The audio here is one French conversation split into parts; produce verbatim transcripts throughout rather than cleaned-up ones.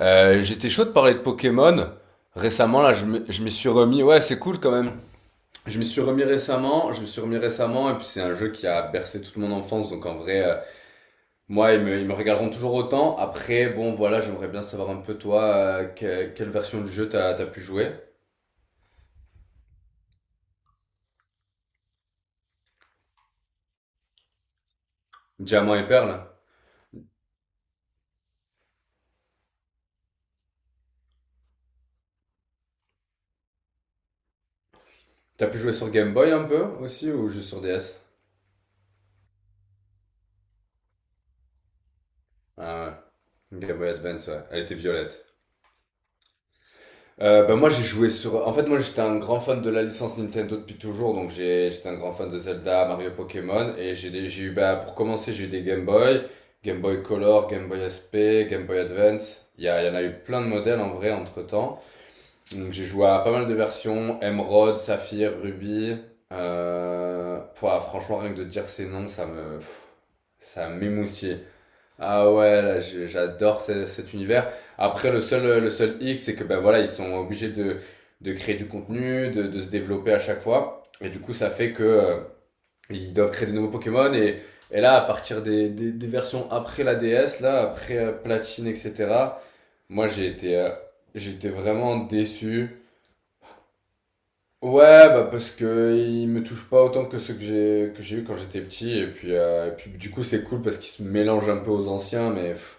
Euh, J'étais chaud de parler de Pokémon. Récemment, là, je me- je m'y suis remis. Ouais, c'est cool quand même. Je m'y suis remis récemment. Je me suis remis récemment. Et puis, c'est un jeu qui a bercé toute mon enfance. Donc, en vrai, euh, moi, ils me, ils me regarderont toujours autant. Après, bon, voilà, j'aimerais bien savoir un peu, toi, euh, que- quelle version du jeu t'as t'as pu jouer? Diamant et Perle. T'as pu jouer sur Game Boy un peu aussi ou juste sur D S? Ah ouais. Game Boy Advance, ouais. Elle était violette. Euh, ben moi j'ai joué sur. En fait moi j'étais un grand fan de la licence Nintendo depuis toujours, donc j'ai j'étais un grand fan de Zelda, Mario, Pokémon, et j'ai des... j'ai eu bah pour commencer j'ai eu des Game Boy, Game Boy Color, Game Boy S P, Game Boy Advance. Il y, a... il y en a eu plein de modèles en vrai entre temps. Donc j'ai joué à pas mal de versions, Emerald, Saphir, Ruby. Euh... Pouah, franchement rien que de dire ces noms ça me pff, ça m'émoustille. Ah ouais, là, je- j'adore ce- cet univers. Après, le seul, le seul hic, c'est que ben voilà, ils sont obligés de, de créer du contenu, de, de se développer à chaque fois. Et du coup, ça fait que euh, ils doivent créer des nouveaux Pokémon. Et, et là, à partir des, des, des versions après la D S, là, après euh, Platine, et cetera, moi, j'ai été, euh, j'étais vraiment déçu. Ouais, bah parce que ils me touchent pas autant que ceux que j'ai que j'ai eu quand j'étais petit. Et puis, euh, et puis, du coup, c'est cool parce qu'ils se mélangent un peu aux anciens, mais. pff,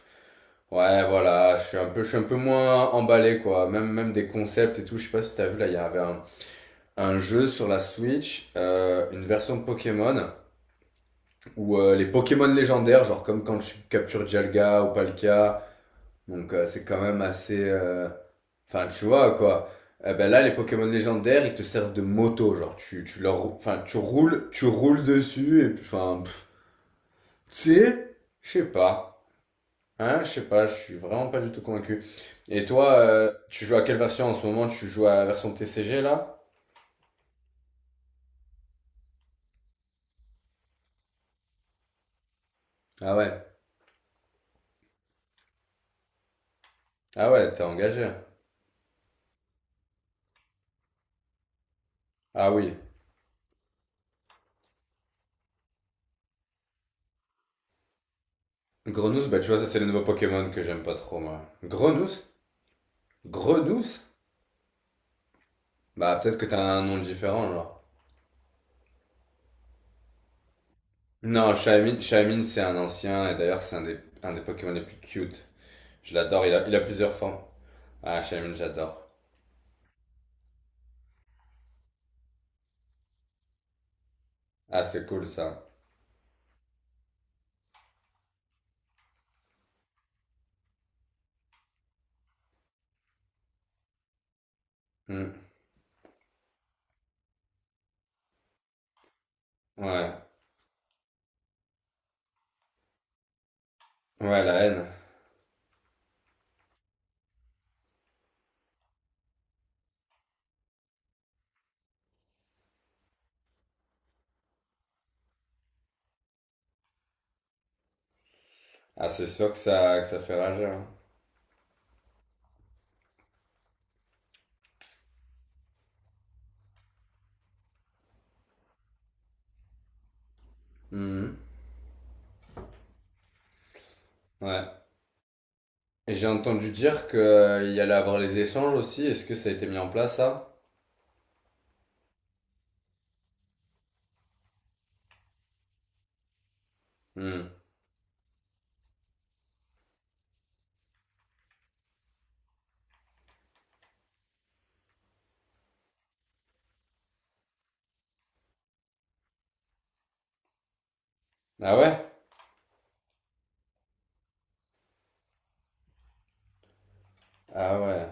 Ouais, voilà, je suis un peu, je suis un peu moins emballé, quoi. Même, même des concepts et tout. Je sais pas si t'as vu, là, il y avait un, un jeu sur la Switch, euh, une version de Pokémon, où euh, les Pokémon légendaires, genre comme quand tu captures Dialga ou Palkia, donc euh, c'est quand même assez... euh, Enfin, tu vois, quoi. Eh ben là, les Pokémon légendaires, ils te servent de moto, genre tu, tu leur... Enfin, tu roules, tu roules dessus, et puis, enfin, pff, tu sais, je sais pas. Hein, je sais pas, je suis vraiment pas du tout convaincu. Et toi, euh, tu joues à quelle version en ce moment? Tu joues à la version T C G là? Ah ouais. Ah ouais, t'es engagé. Ah oui. Grenousse, bah tu vois, ça c'est le nouveau Pokémon que j'aime pas trop moi. Grenousse? Grenousse? Bah peut-être que t'as un nom différent genre. Non, Shaymin, Shaymin c'est un ancien et d'ailleurs c'est un des, un des Pokémon les plus cute. Je l'adore, il a, il a plusieurs formes. Ah, Shaymin, j'adore. Ah, c'est cool ça. Hmm. Ouais. Ouais, la haine. Ah, c'est sûr que ça, que ça fait rager, hein. Hmm. Ouais. Et j'ai entendu dire que euh, il y allait avoir les échanges aussi. Est-ce que ça a été mis en place, ça? Hmm. Ah ouais? Ah ouais.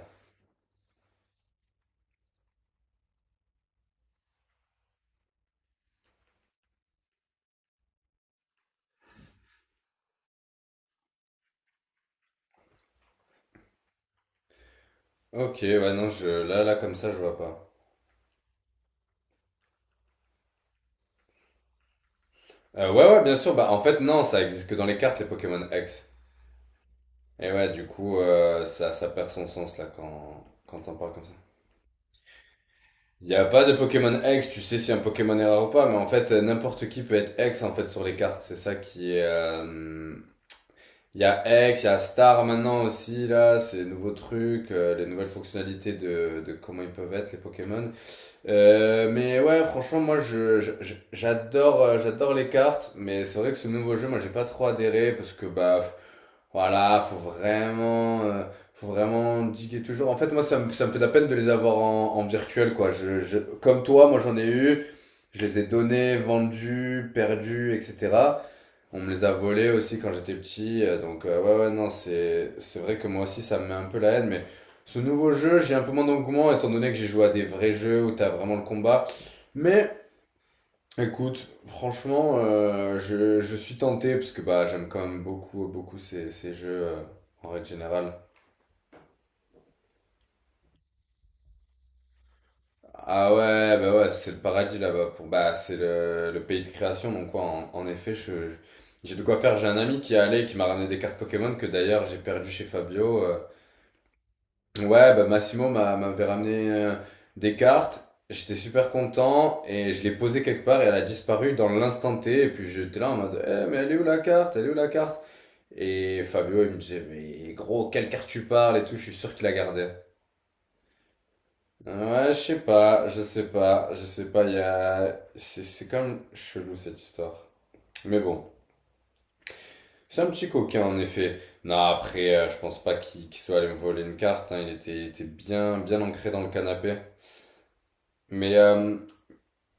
Ok, ouais, non, je, là, là, comme ça, je vois pas. Euh, ouais, ouais, bien sûr. Bah, en fait, non, ça existe que dans les cartes, les Pokémon X. Et ouais, du coup, euh, ça, ça perd son sens, là, quand, quand on parle comme ça. Il n'y a pas de Pokémon X, tu sais si un Pokémon est rare ou pas, mais en fait, euh, n'importe qui peut être X, en fait, sur les cartes. C'est ça qui est, euh, Il y a X, il y a Star maintenant aussi, là, c'est les nouveaux trucs, euh, les nouvelles fonctionnalités de, de comment ils peuvent être, les Pokémon. Euh, mais ouais, franchement, moi, je, je- je- j'adore, euh, j'adore les cartes, mais c'est vrai que ce nouveau jeu, moi, j'ai pas trop adhéré parce que, bah, f- voilà, faut vraiment, euh, faut vraiment diguer toujours. En fait, moi, ça me, ça me fait de la peine de les avoir en, en, virtuel, quoi. Je, je, comme toi, moi, j'en ai eu, je les ai donnés, vendus, perdus, et cetera. On me les a volés aussi quand j'étais petit, euh, donc euh, ouais, ouais, non, c'est c'est vrai que moi aussi ça me met un peu la haine, mais ce nouveau jeu, j'ai un peu moins d'engouement étant donné que j'ai joué à des vrais jeux où t'as vraiment le combat. Mais écoute, franchement, euh, je, je suis tenté parce que bah j'aime quand même beaucoup, beaucoup ces, ces jeux euh, en règle générale. Ah ouais, bah ouais, c'est le paradis là-bas pour bah c'est le, le pays de création, donc quoi en, en effet, je, je- j'ai de quoi faire. J'ai un ami qui est allé et qui m'a ramené des cartes Pokémon que d'ailleurs j'ai perdu chez Fabio. euh, Ouais, bah Massimo m'a- m'avait ramené euh, des cartes. J'étais super content et je l'ai posée quelque part et elle a disparu dans l'instant T. Et puis j'étais là en mode, eh, mais elle est où la carte? Elle est où la carte? Et Fabio, il me disait, mais gros, quelle carte tu parles et tout, je suis sûr qu'il la gardait. Ouais, je sais pas, je sais pas, je sais pas, il y a... C'est c'est quand même chelou cette histoire. Mais bon, c'est un petit coquin en effet. Non, après, euh, je pense pas qu'il qu'il soit allé me voler une carte, hein. Il était, il était bien, bien ancré dans le canapé. Mais, euh,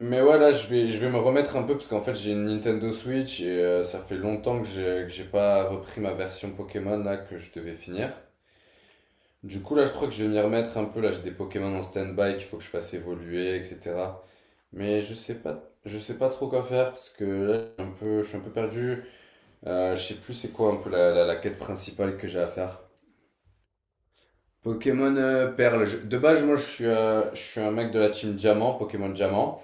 mais ouais, là, je vais, je vais me remettre un peu parce qu'en fait, j'ai une Nintendo Switch et euh, ça fait longtemps que j'ai, que j'ai pas repris ma version Pokémon là que je devais finir. Du coup, là, je crois que je vais m'y remettre un peu. Là, j'ai des Pokémon en stand-by qu'il faut que je fasse évoluer, et cetera. Mais je sais pas, je sais pas trop quoi faire parce que là, je suis un peu, je suis un peu perdu. Euh, je sais plus c'est quoi un peu la, la, la quête principale que j'ai à faire. Pokémon euh, Perle. Je- de base, moi, je suis, euh, je suis un mec de la team Diamant, Pokémon Diamant.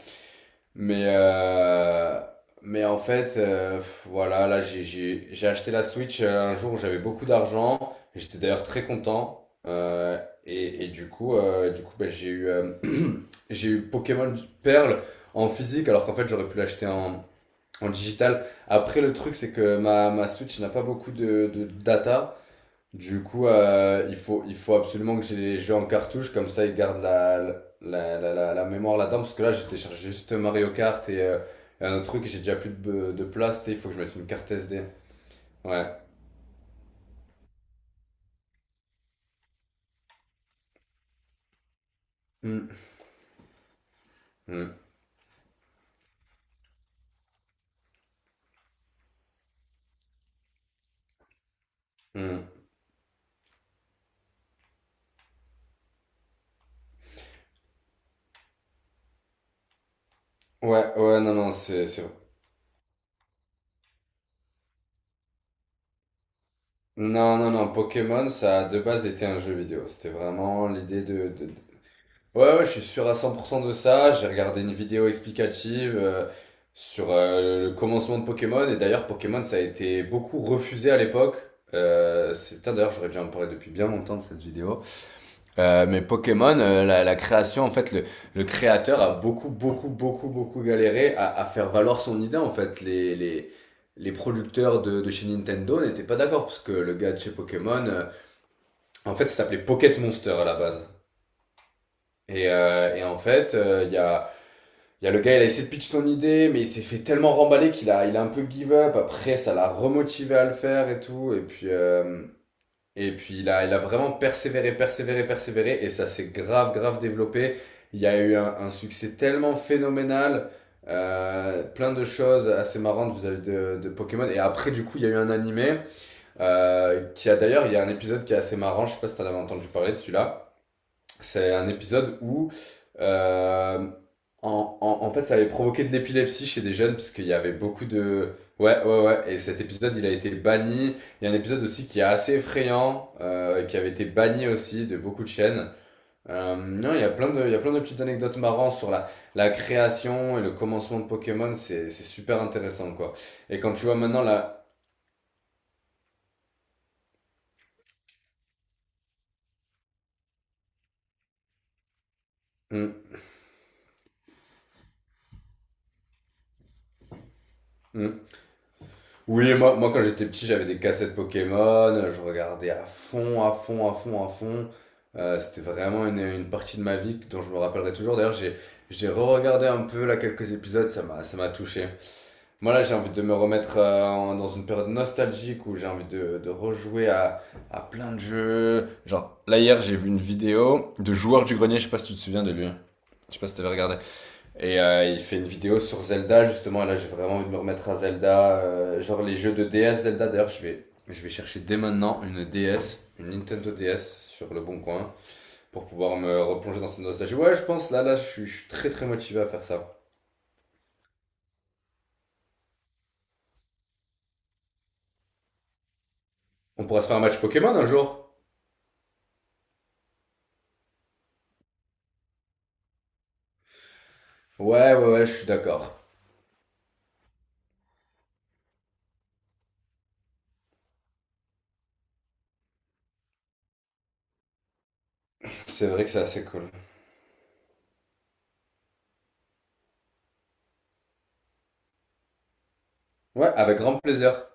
Mais, euh, mais en fait, euh, pff, voilà, là, j'ai, j'ai, j'ai acheté la Switch euh, un jour où j'avais beaucoup d'argent. J'étais d'ailleurs très content. Euh, et, et du coup, euh, du coup bah, j'ai eu, euh, j'ai eu Pokémon Perle en physique, alors qu'en fait, j'aurais pu l'acheter en, en digital. Après, le truc, c'est que ma, ma Switch n'a pas beaucoup de, de data. Du coup, euh, il faut, il faut absolument que j'ai les jeux en cartouche, comme ça ils gardent la, la, la, la, la mémoire là-dedans, parce que là j'ai téléchargé juste Mario Kart et, euh, et un autre truc et j'ai déjà plus de, de place, tu sais, il faut que je mette une carte S D. Ouais. Mm. Mm. Mm. Ouais, ouais, non, non, c'est, c'est... Non, non, non, Pokémon, ça a de base été un jeu vidéo. C'était vraiment l'idée de, de, Ouais, ouais, je suis sûr à cent pour cent de ça. J'ai regardé une vidéo explicative euh, sur euh, le commencement de Pokémon. Et d'ailleurs, Pokémon, ça a été beaucoup refusé à l'époque. Euh, c'est- putain, d'ailleurs, j'aurais déjà en parlé depuis bien longtemps de cette vidéo. Euh, mais Pokémon, euh, la, la création, en fait, le, le créateur a beaucoup, beaucoup, beaucoup, beaucoup galéré à, à faire valoir son idée. En fait, les, les, les producteurs de, de chez Nintendo n'étaient pas d'accord parce que le gars de chez Pokémon, euh, en fait, ça s'appelait Pocket Monster à la base. Et, euh, et en fait, euh, il y a Il y a le gars, il a essayé de pitch son idée, mais il s'est fait tellement remballer qu'il a, il a un peu give up. Après, ça l'a remotivé à le faire et tout. Et puis, euh, et puis il a, il a vraiment persévéré, persévéré, persévéré. Et ça s'est grave, grave développé. Il y a eu un, un succès tellement phénoménal. Euh, plein de choses assez marrantes vis-à-vis de, de Pokémon. Et après, du coup, il y a eu un animé euh, qui a d'ailleurs, il y a un épisode qui est assez marrant. Je sais pas si t'en avais entendu parler de celui-là. C'est un épisode où, euh, en, en, en fait, ça avait provoqué de l'épilepsie chez des jeunes, parce qu'il y avait beaucoup de... Ouais, ouais, ouais. Et cet épisode, il a été banni. Il y a un épisode aussi qui est assez effrayant, euh, qui avait été banni aussi de beaucoup de chaînes. Euh, non, il y a plein de, il y a plein de petites anecdotes marrantes sur la, la création et le commencement de Pokémon. C'est, c'est super intéressant, quoi. Et quand tu vois maintenant la... Hmm, hmm. Oui, moi, moi quand j'étais petit, j'avais des cassettes Pokémon, je regardais à fond, à fond, à fond, à fond. Euh, c'était vraiment une, une partie de ma vie dont je me rappellerai toujours. D'ailleurs, j'ai, j'ai re-regardé un peu là quelques épisodes, ça m'a, ça m'a touché. Moi là, j'ai envie de me remettre euh, en- dans une période nostalgique où j'ai envie de, de rejouer à, à plein de jeux. Genre, là hier, j'ai vu une vidéo de Joueur du Grenier, je sais pas si tu te souviens de lui. Je sais pas si t'avais regardé. Et euh, il fait une vidéo sur Zelda, justement. Et là, j'ai vraiment envie de me remettre à Zelda. euh, genre les jeux de D S Zelda. D'ailleurs, je vais, je vais chercher dès maintenant une D S, une Nintendo D S sur le bon coin pour pouvoir me replonger dans cette nostalgie. Ouais, je pense, là, là, je suis, je suis très très motivé à faire ça. On pourra se faire un match Pokémon un jour. Ouais, ouais, ouais, je suis d'accord. C'est vrai que c'est assez cool. Ouais, avec grand plaisir.